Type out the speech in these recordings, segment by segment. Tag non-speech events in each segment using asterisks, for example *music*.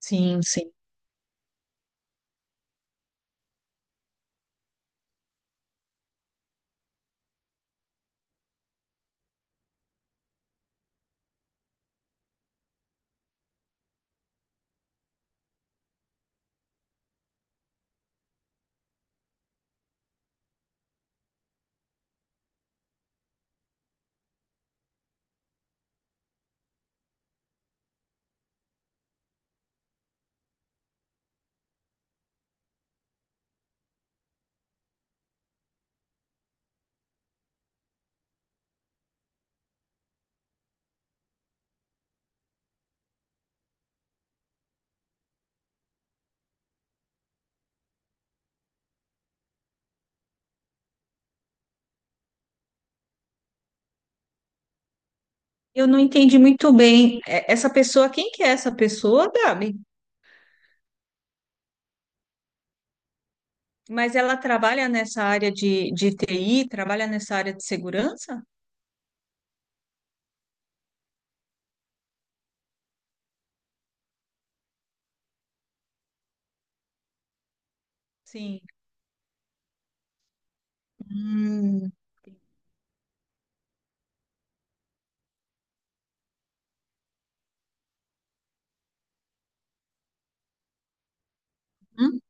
Sim, sim. Eu não entendi muito bem. Essa pessoa, quem que é essa pessoa, Gabi? Mas ela trabalha nessa área de TI, trabalha nessa área de segurança? Sim. Hum. Hum.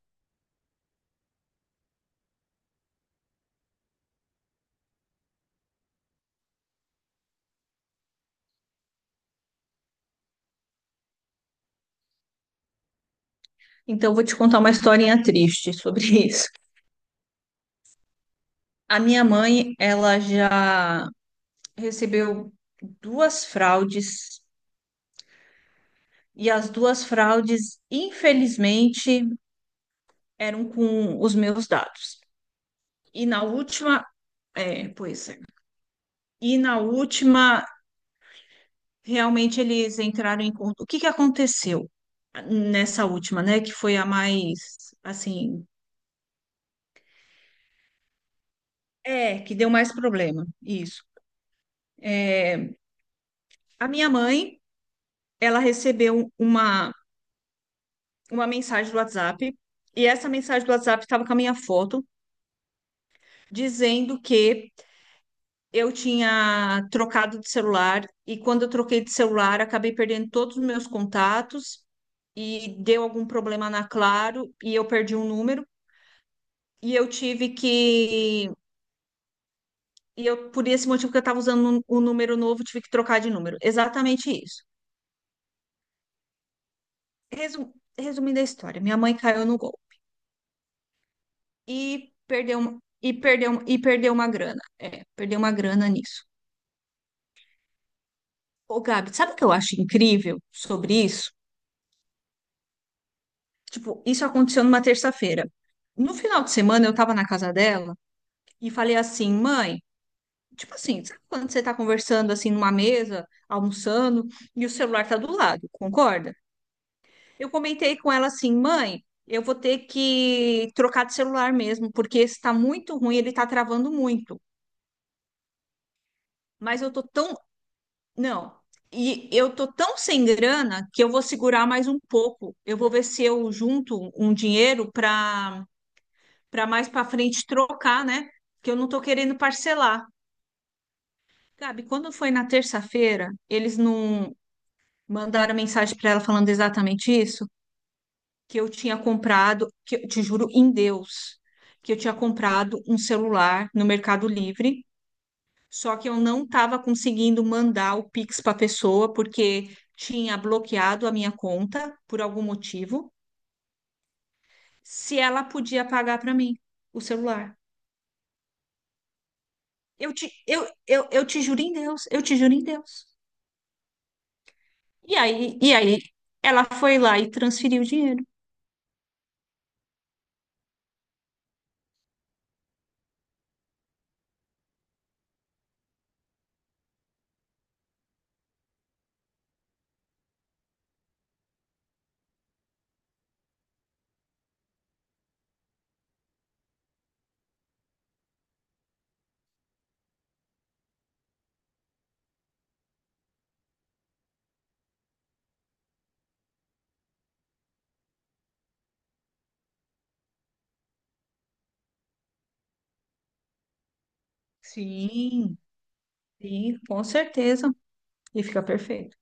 Então, eu vou te contar uma historinha triste sobre *laughs* isso. A minha mãe, ela já recebeu duas fraudes, e as duas fraudes, infelizmente, eram com os meus dados. E na última, é, pois é. E na última, realmente eles entraram em conta. O que que aconteceu nessa última, né? Que foi a mais, assim, é, que deu mais problema. Isso. É, a minha mãe, ela recebeu uma mensagem do WhatsApp, e essa mensagem do WhatsApp estava com a minha foto, dizendo que eu tinha trocado de celular, e quando eu troquei de celular, acabei perdendo todos os meus contatos, e deu algum problema na Claro, e eu perdi um número. E eu tive que. E eu, por esse motivo que eu estava usando um número novo, tive que trocar de número. Exatamente isso. Resumindo a história, minha mãe caiu no gol e perdeu uma grana. É, perdeu uma grana nisso. Ô, Gabi, sabe o que eu acho incrível sobre isso? Tipo, isso aconteceu numa terça-feira. No final de semana, eu estava na casa dela e falei assim, mãe, tipo assim, sabe quando você está conversando assim numa mesa, almoçando, e o celular tá do lado, concorda? Eu comentei com ela assim, mãe, eu vou ter que trocar de celular mesmo, porque esse tá muito ruim, ele tá travando muito. Mas eu tô tão. Não. E eu tô tão sem grana que eu vou segurar mais um pouco. Eu vou ver se eu junto um dinheiro para mais para frente trocar, né? Que eu não tô querendo parcelar. Gabi, quando foi na terça-feira, eles não mandaram mensagem para ela falando exatamente isso? Que eu tinha comprado, que eu te juro em Deus, que eu tinha comprado um celular no Mercado Livre, só que eu não estava conseguindo mandar o Pix para a pessoa porque tinha bloqueado a minha conta por algum motivo, se ela podia pagar para mim o celular. Eu te juro em Deus, eu te juro em Deus. E aí ela foi lá e transferiu o dinheiro. Sim, sim, com certeza. E fica perfeito.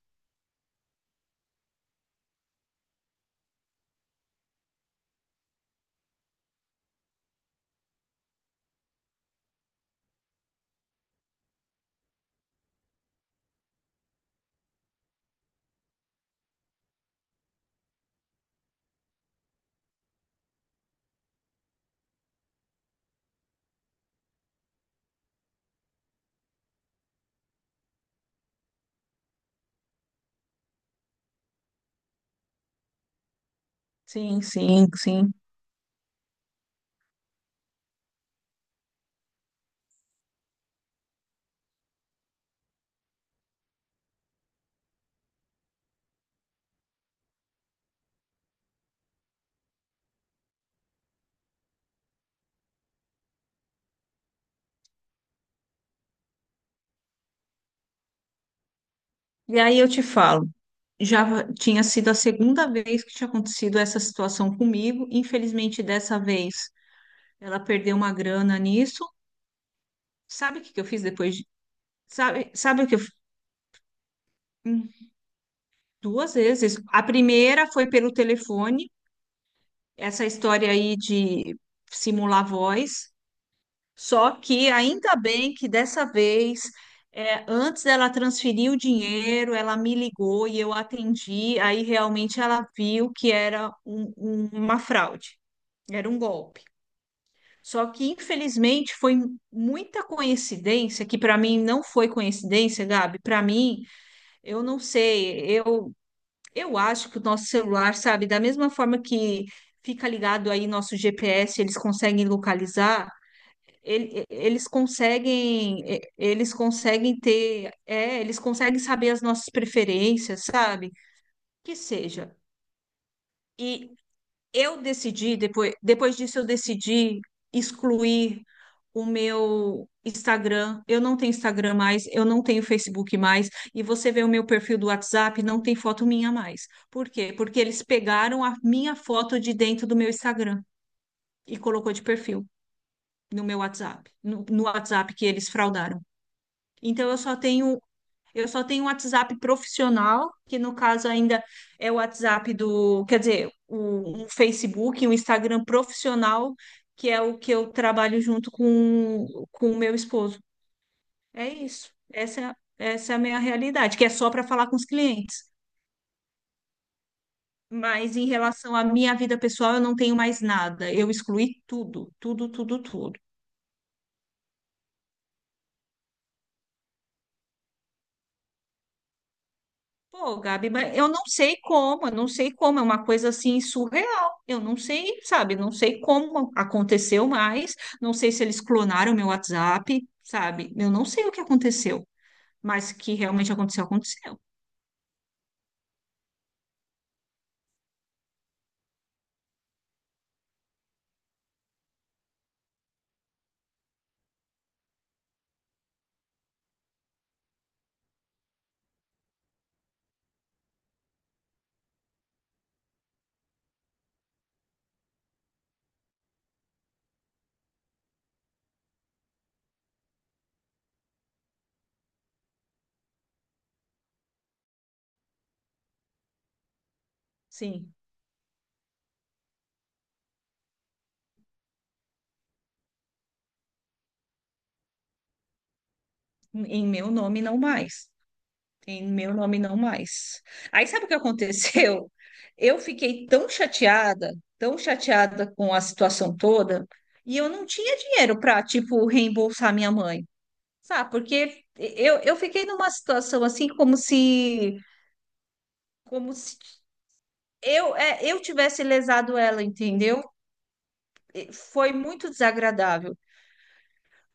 Sim, sim, sim. E aí eu te falo, já tinha sido a segunda vez que tinha acontecido essa situação comigo. Infelizmente, dessa vez ela perdeu uma grana nisso. Sabe o que que eu fiz depois? Sabe o que eu hum, Duas vezes. A primeira foi pelo telefone, essa história aí de simular voz. Só que ainda bem que dessa vez, antes dela transferir o dinheiro, ela me ligou e eu atendi. Aí realmente ela viu que era uma fraude, era um golpe. Só que infelizmente foi muita coincidência, que para mim não foi coincidência, Gabi. Para mim, eu não sei, eu acho que o nosso celular, sabe, da mesma forma que fica ligado aí nosso GPS, eles conseguem localizar eles conseguem eles conseguem saber as nossas preferências, sabe? Que seja. E eu decidi, depois disso eu decidi excluir o meu Instagram. Eu não tenho Instagram mais, eu não tenho Facebook mais, e você vê o meu perfil do WhatsApp, não tem foto minha mais. Por quê? Porque eles pegaram a minha foto de dentro do meu Instagram e colocou de perfil no meu WhatsApp, no WhatsApp que eles fraudaram. Então eu só tenho eu só tenho um WhatsApp profissional, que no caso ainda é o WhatsApp do, quer dizer, um Facebook, um Instagram profissional, que é o que eu trabalho junto com o meu esposo. É isso. Essa é a minha realidade, que é só para falar com os clientes. Mas em relação à minha vida pessoal, eu não tenho mais nada. Eu excluí tudo, tudo, tudo, tudo. Pô, Gabi, mas eu não sei como, é uma coisa assim surreal. Eu não sei, sabe? Não sei como aconteceu mais, não sei se eles clonaram meu WhatsApp, sabe? Eu não sei o que aconteceu, mas que realmente aconteceu, aconteceu. Sim, em meu nome não mais. Em meu nome não mais. Aí sabe o que aconteceu? *laughs* Eu fiquei tão chateada com a situação toda, e eu não tinha dinheiro para, tipo, reembolsar minha mãe. Sabe, porque eu fiquei numa situação assim como se como se eu eu tivesse lesado ela, entendeu? E foi muito desagradável,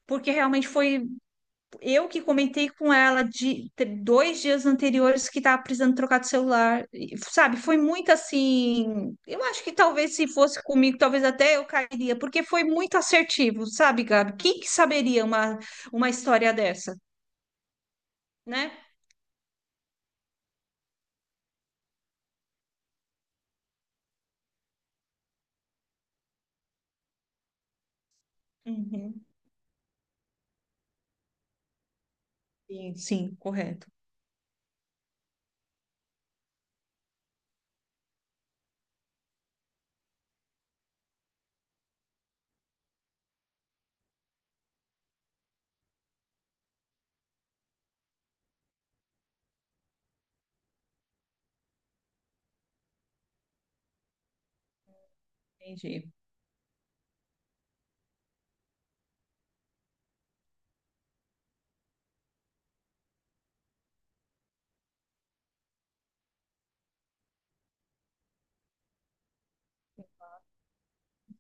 porque realmente foi eu que comentei com ela de 2 dias anteriores que estava precisando trocar de celular, e, sabe? Foi muito assim. Eu acho que talvez se fosse comigo, talvez até eu cairia, porque foi muito assertivo, sabe, Gabi? Quem que saberia uma história dessa, né? Uhum. Sim, sim, correto. Entendi.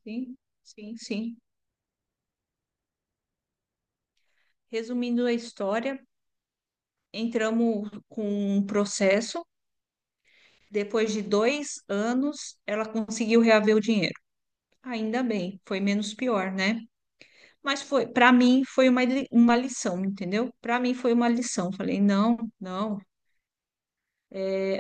Sim, sim, sim. Resumindo a história, entramos com um processo. Depois de 2 anos, ela conseguiu reaver o dinheiro. Ainda bem, foi menos pior, né? Mas foi, para mim, foi uma lição, entendeu? Para mim foi uma lição. Falei, não, não.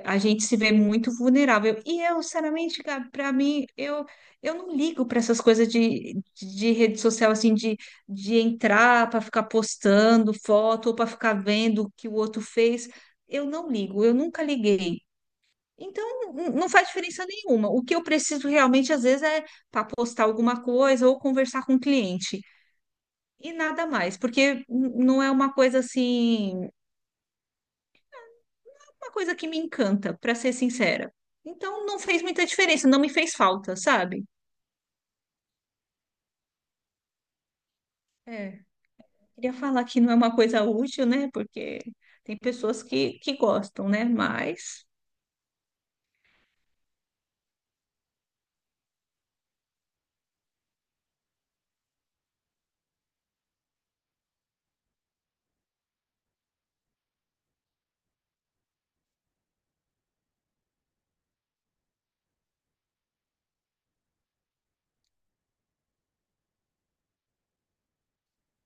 A gente se vê muito vulnerável. E eu, sinceramente, Gabi, para mim, eu não ligo para essas coisas de rede social, de entrar para ficar postando foto ou para ficar vendo o que o outro fez. Eu não ligo, eu nunca liguei. Então, não faz diferença nenhuma. O que eu preciso realmente, às vezes, é para postar alguma coisa ou conversar com o cliente. E nada mais, porque não é uma coisa assim. Uma coisa que me encanta, pra ser sincera. Então não fez muita diferença, não me fez falta, sabe? É. Queria falar que não é uma coisa útil, né? Porque tem pessoas que gostam, né? Mas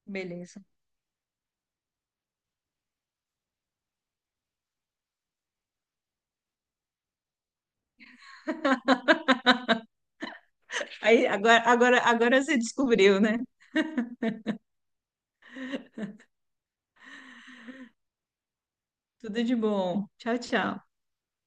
beleza. Aí agora você descobriu, né? Tudo de bom. Tchau, tchau.